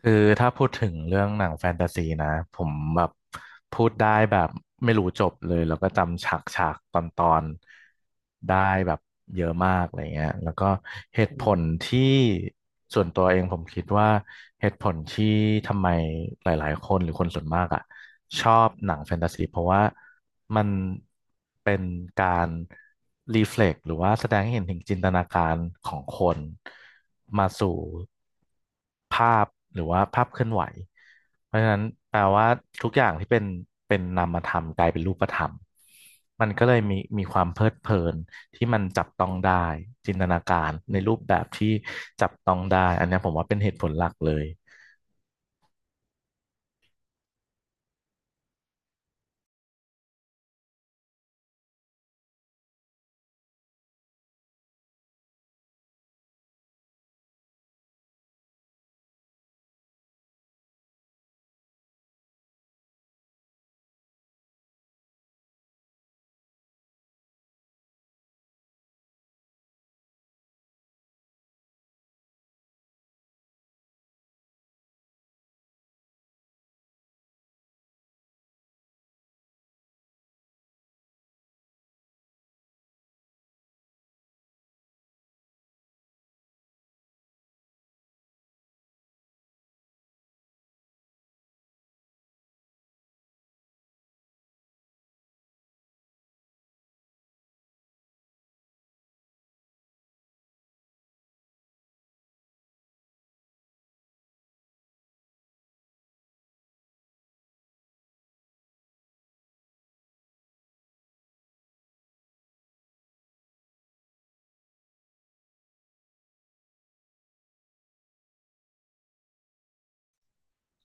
คือถ้าพูดถึงเรื่องหนังแฟนตาซีนะผมแบบพูดได้แบบไม่รู้จบเลยแล้วก็จำฉากฉากตอนตอนๆได้แบบเยอะมากอะไรเงี้ยแล้วก็เหตุผลที่ส่วนตัวเองผมคิดว่าเหตุผลที่ทำไมหลายๆคนหรือคนส่วนมากอ่ะชอบหนังแฟนตาซีเพราะว่ามันเป็นการรีเฟล็กหรือว่าแสดงให้เห็นถึงจินตนาการของคนมาสู่ ภาพหรือว่าภาพเคลื่อนไหวเพราะฉะนั้นแปลว่าทุกอย่างที่เป็นนามธรรมกลายเป็นรูปธรรมมันก็เลยมีความเพลิดเพลินที่มันจับต้องได้จินตนาการในรูปแบบที่จับต้องได้อันเนี้ยผมว่าเป็นเหตุผลหลักเลย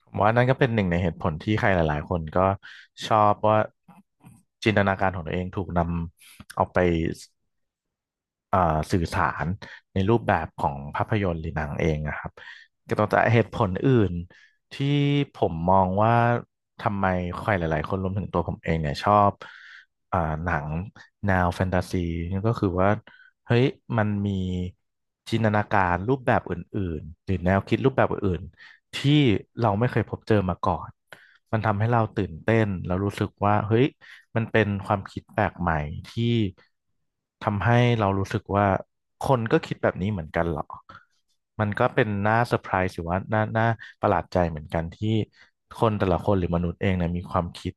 ผมว่านั่นก็เป็นหนึ่งในเหตุผลที่ใครหลายๆคนก็ชอบว่าจินตนาการของตัวเองถูกนำเอาไป เอ่อสื่อสารในรูปแบบของภาพยนตร์หรือหนังเองนะครับก็ต้องแต่เหตุผลอื่นที่ผมมองว่าทำไมใครหลายๆคนรวมถึงตัวผมเองเนี่ยชอบอ่าหนังแนวแฟนตาซีนี่ก็คือว่าเฮ้ยมันมีจินตนาการรูปแบบอื่นๆหรือแนวคิดรูปแบบอื่นๆที่เราไม่เคยพบเจอมาก่อนมันทำให้เราตื่นเต้นแล้วรู้สึกว่าเฮ้ย มันเป็นความคิดแปลกใหม่ที่ทำให้เรารู้สึกว่าคนก็คิดแบบนี้เหมือนกันเหรอมันก็เป็นน่าเซอร์ไพรส์หรือว่าน่าประหลาดใจเหมือนกันที่คนแต่ละคนหรือมนุษย์เองเนี่ยมีความคิด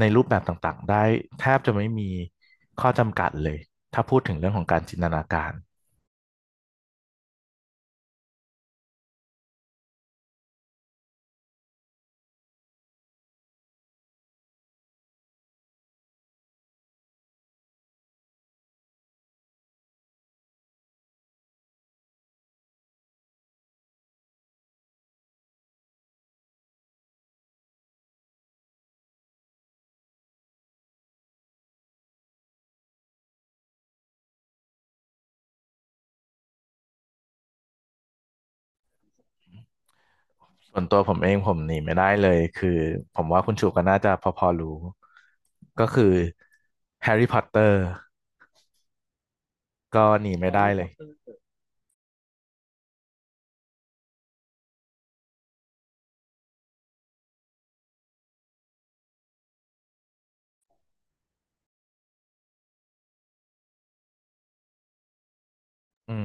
ในรูปแบบต่างๆได้แทบจะไม่มีข้อจำกัดเลย ถ้าพูดถึงเรื่องของการจินตนาการส่วนตัวผมเองผมหนีไม่ได้เลยคือผมว่าคุณชูก็น่าจะพอๆรู้ก็คือแฮร์รี่พอตเตอร์ก็หนีไม่แฮร์ได้รี่เลพอยตเตอร์อืม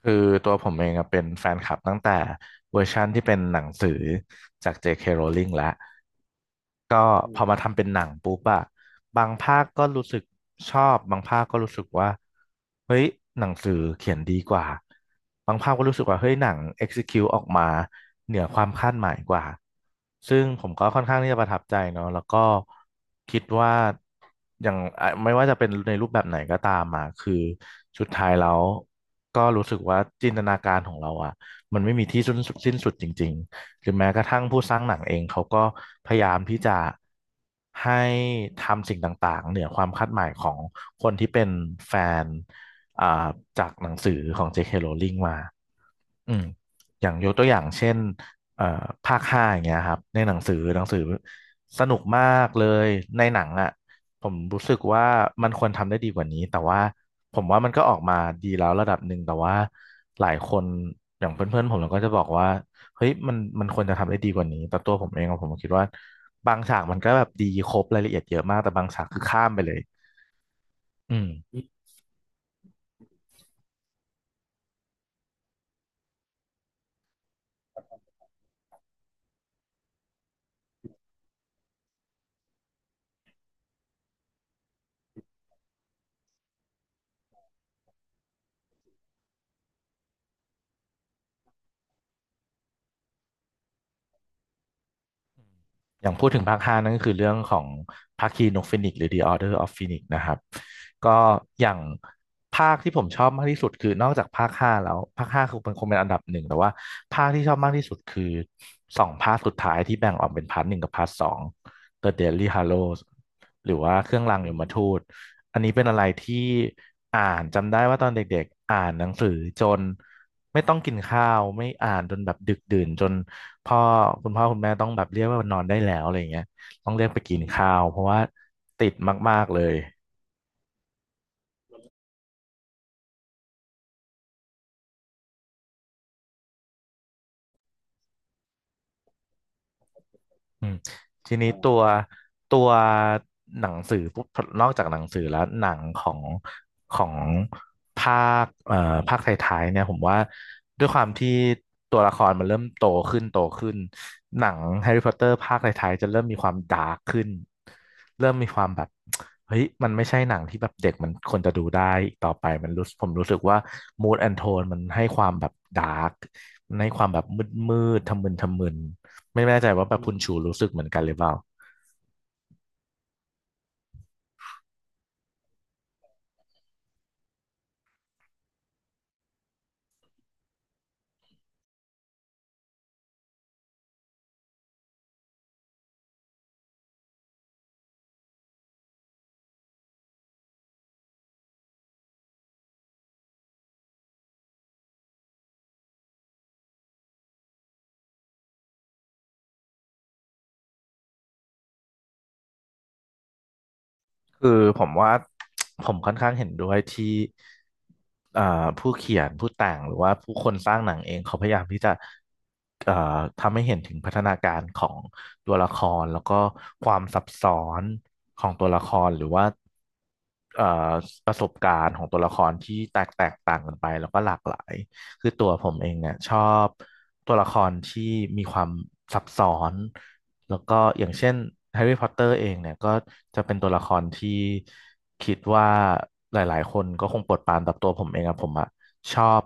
คือตัวผมเองอะเป็นแฟนคลับตั้งแต่เวอร์ชั่นที่เป็นหนังสือจาก J.K. Rowling แล้ว ก็อืพอมมาทำเป็นหนังปุ๊บอะบางภาคก็รู้สึกชอบบางภาคก็รู้สึกว่าเฮ้ยหนังสือเขียนดีกว่าบางภาคก็รู้สึกว่าเฮ้ยหนัง execute ออกมาเหนือความคาดหมายกว่าซึ่งผมก็ค่อนข้างที่จะประทับใจเนาะแล้วก็คิดว่าอย่างอ่ะไม่ว่าจะเป็นในรูปแบบไหนก็ตามอะคือสุดท้ายแล้วก็รู้สึกว่าจินตนาการของเราอะมันไม่มีที่สิ้นสุดจริง หรือแม้กระทั่งผู้สร้างหนังเองเขาก็พยายามที่จะให้ทำสิ่งต่างๆเหนือความคาดหมายของคนที่เป็นแฟนอ่าจากหนังสือของ J.K. Rowling มา อืมอย่างยกตัวอย่างเช่นเอ่อภาคห้าอย่างเงี้ยครับในหนังสือสนุกมากเลยในหนังอ่ะผมรู้สึกว่ามันควรทำได้ดีกว่านี้แต่ว่าผมว่ามันก็ออกมาดีแล้วระดับหนึ่งแต่ว่าหลายคนอย่างเพื่อนๆผมเราก็จะบอกว่าเฮ้ยมันควรจะทำได้ดีกว่านี้แต่ตัวผมเองอะผมคิดว่าบางฉากมันก็แบบดีครบรายละเอียดเยอะมากแต่บางฉากคือข้ามไปเลยอืม อย่างพูดถึงภาคห้านั่นก็คือเรื่องของภาคีนกฟีนิกซ์หรือ The Order of Phoenix นะครับก็อย่างภาคที่ผมชอบมากที่สุดคือนอกจากภาคห้าแล้วภาคห้าคือมันคงเป็นอันดับหนึ่งแต่ว่าภาคที่ชอบมากที่สุดคือสองภาคสุดท้ายที่แบ่งออกเป็นพาร์ทหนึ่งกับพาร์ทสอง The Deathly Hallows หรือว่าเครื่องรางยมทูตอันนี้เป็นอะไรที่อ่านจำได้ว่าตอนเด็กๆอ่านหนังสือจนไม่ต้องกินข้าวไม่อ่านจนแบบดึกดื่นจน พ่อคุณพ่อคุณแม่ต้องแบบเรียกว่านอนได้แล้วอะไรอย่างเงี้ยต้องเรียกไปกินข้าวเพราะว่าติดมากๆเลย อืมทีนี้ตัวหนังสือปุ๊บนอกจากหนังสือแล้วหนังของของภาคเอ่อภาคท้ายๆเนี่ยผมว่าด้วยความที่ตัวละครมันเริ่มโตขึ้นโตขึ้นหนังแฮร์รี่พอตเตอร์ภาคท้ายๆจะเริ่มมีความดาร์กขึ้นเริ่มมีความแบบเฮ้ยมันไม่ใช่หนังที่แบบเด็กมันควรจะดูได้อีกต่อไปมันรู้ผมรู้สึกว่า mood and tone มันให้ความแบบดาร์กให้ความแบบมืดมืดทำมึนทำมึน ไม่แน่ใจว่าแบบคุณชูรู้สึกเหมือนกันหรือเปล่าคือผมว่า ผมค่อนข้างเห็นด้วยที่อ่าผู้เขียนผู้แต่งหรือว่าผู้คนสร้างหนังเองเขาพยายามที่จะเอ่อทำให้เห็นถึงพัฒนาการของตัวละครแล้วก็ความซับซ้อนของตัวละครหรือว่าเอ่อประสบการณ์ของตัวละครที่แตกต่างกันไปแล้วก็หลากหลาย คือตัวผมเองเนี่ยชอบตัวละครที่มีความซับซ้อนแล้วก็อย่างเช่นแฮร์รี่พอตเตอร์เองเนี่ยก็จะเป็นตัวละครที่คิดว่าหลายๆคนก็คงปวดปานแบบตัวผมเองอะผมอะชอบ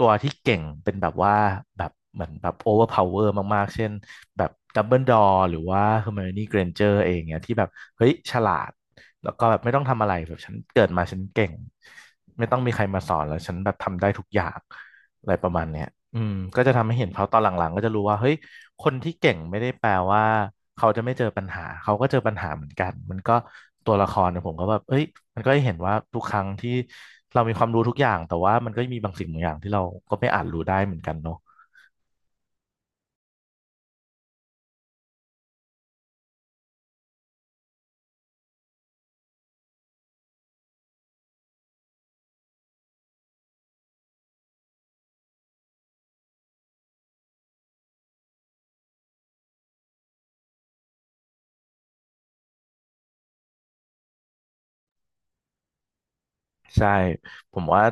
ตัวที่เก่งเป็นแบบว่าแบบเหมือนแบบโอเวอร์พาวเวอร์มากๆ เช่นแบบดัมเบิลดอร์หรือว่าเฮอร์ไมโอนี่เกรนเจอร์เองเนี่ยที่แบบเฮ้ยฉลาด แล้วก็แบบไม่ต้องทำอะไรแบบฉันเกิดมาฉันเก่งไม่ต้องมีใครมาสอนแล้วฉันแบบทำได้ทุกอย่างอะไรประมาณเนี้ยก็จะทำให้เห็นเขาตอนหลังๆก็จะรู้ว่าเฮ้ยคนที่เก่งไม่ได้แปลว่าเขาจะไม่เจอปัญหาเขาก็เจอปัญหาเหมือนกันมันก็ตัวละครเนี่ยผมก็แบบเอ้ยมันก็ได้เห็นว่าทุกครั้งที่เรามีความรู้ทุกอย่างแต่ว่ามันก็มีบางสิ่งบางอย่างที่เราก็ไม่อาจรู้ได้เหมือนกันเนาะใช่ผมว่า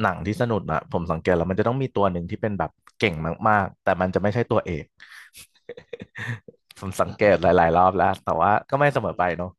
หนังที่สนุกอะผมสังเกตแล้วมันจะต้องมีตัวหนึ่งที่เป็นแบบเก่งมากๆแต่มันจะไม่ใช่ตัวเอก ผมสังเกตหลายๆรอบแล้วแต่ว่าก็ไม่เสมอไปเนาะ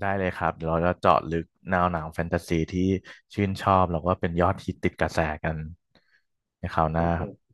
ได้เลยครับเดี๋ยวเราจะเจาะลึกแนวหนังแฟนตาซีที่ชื่นชอบแล้วก็เป็นยอดฮิตติดกระแสกันในคราวหน้าครับ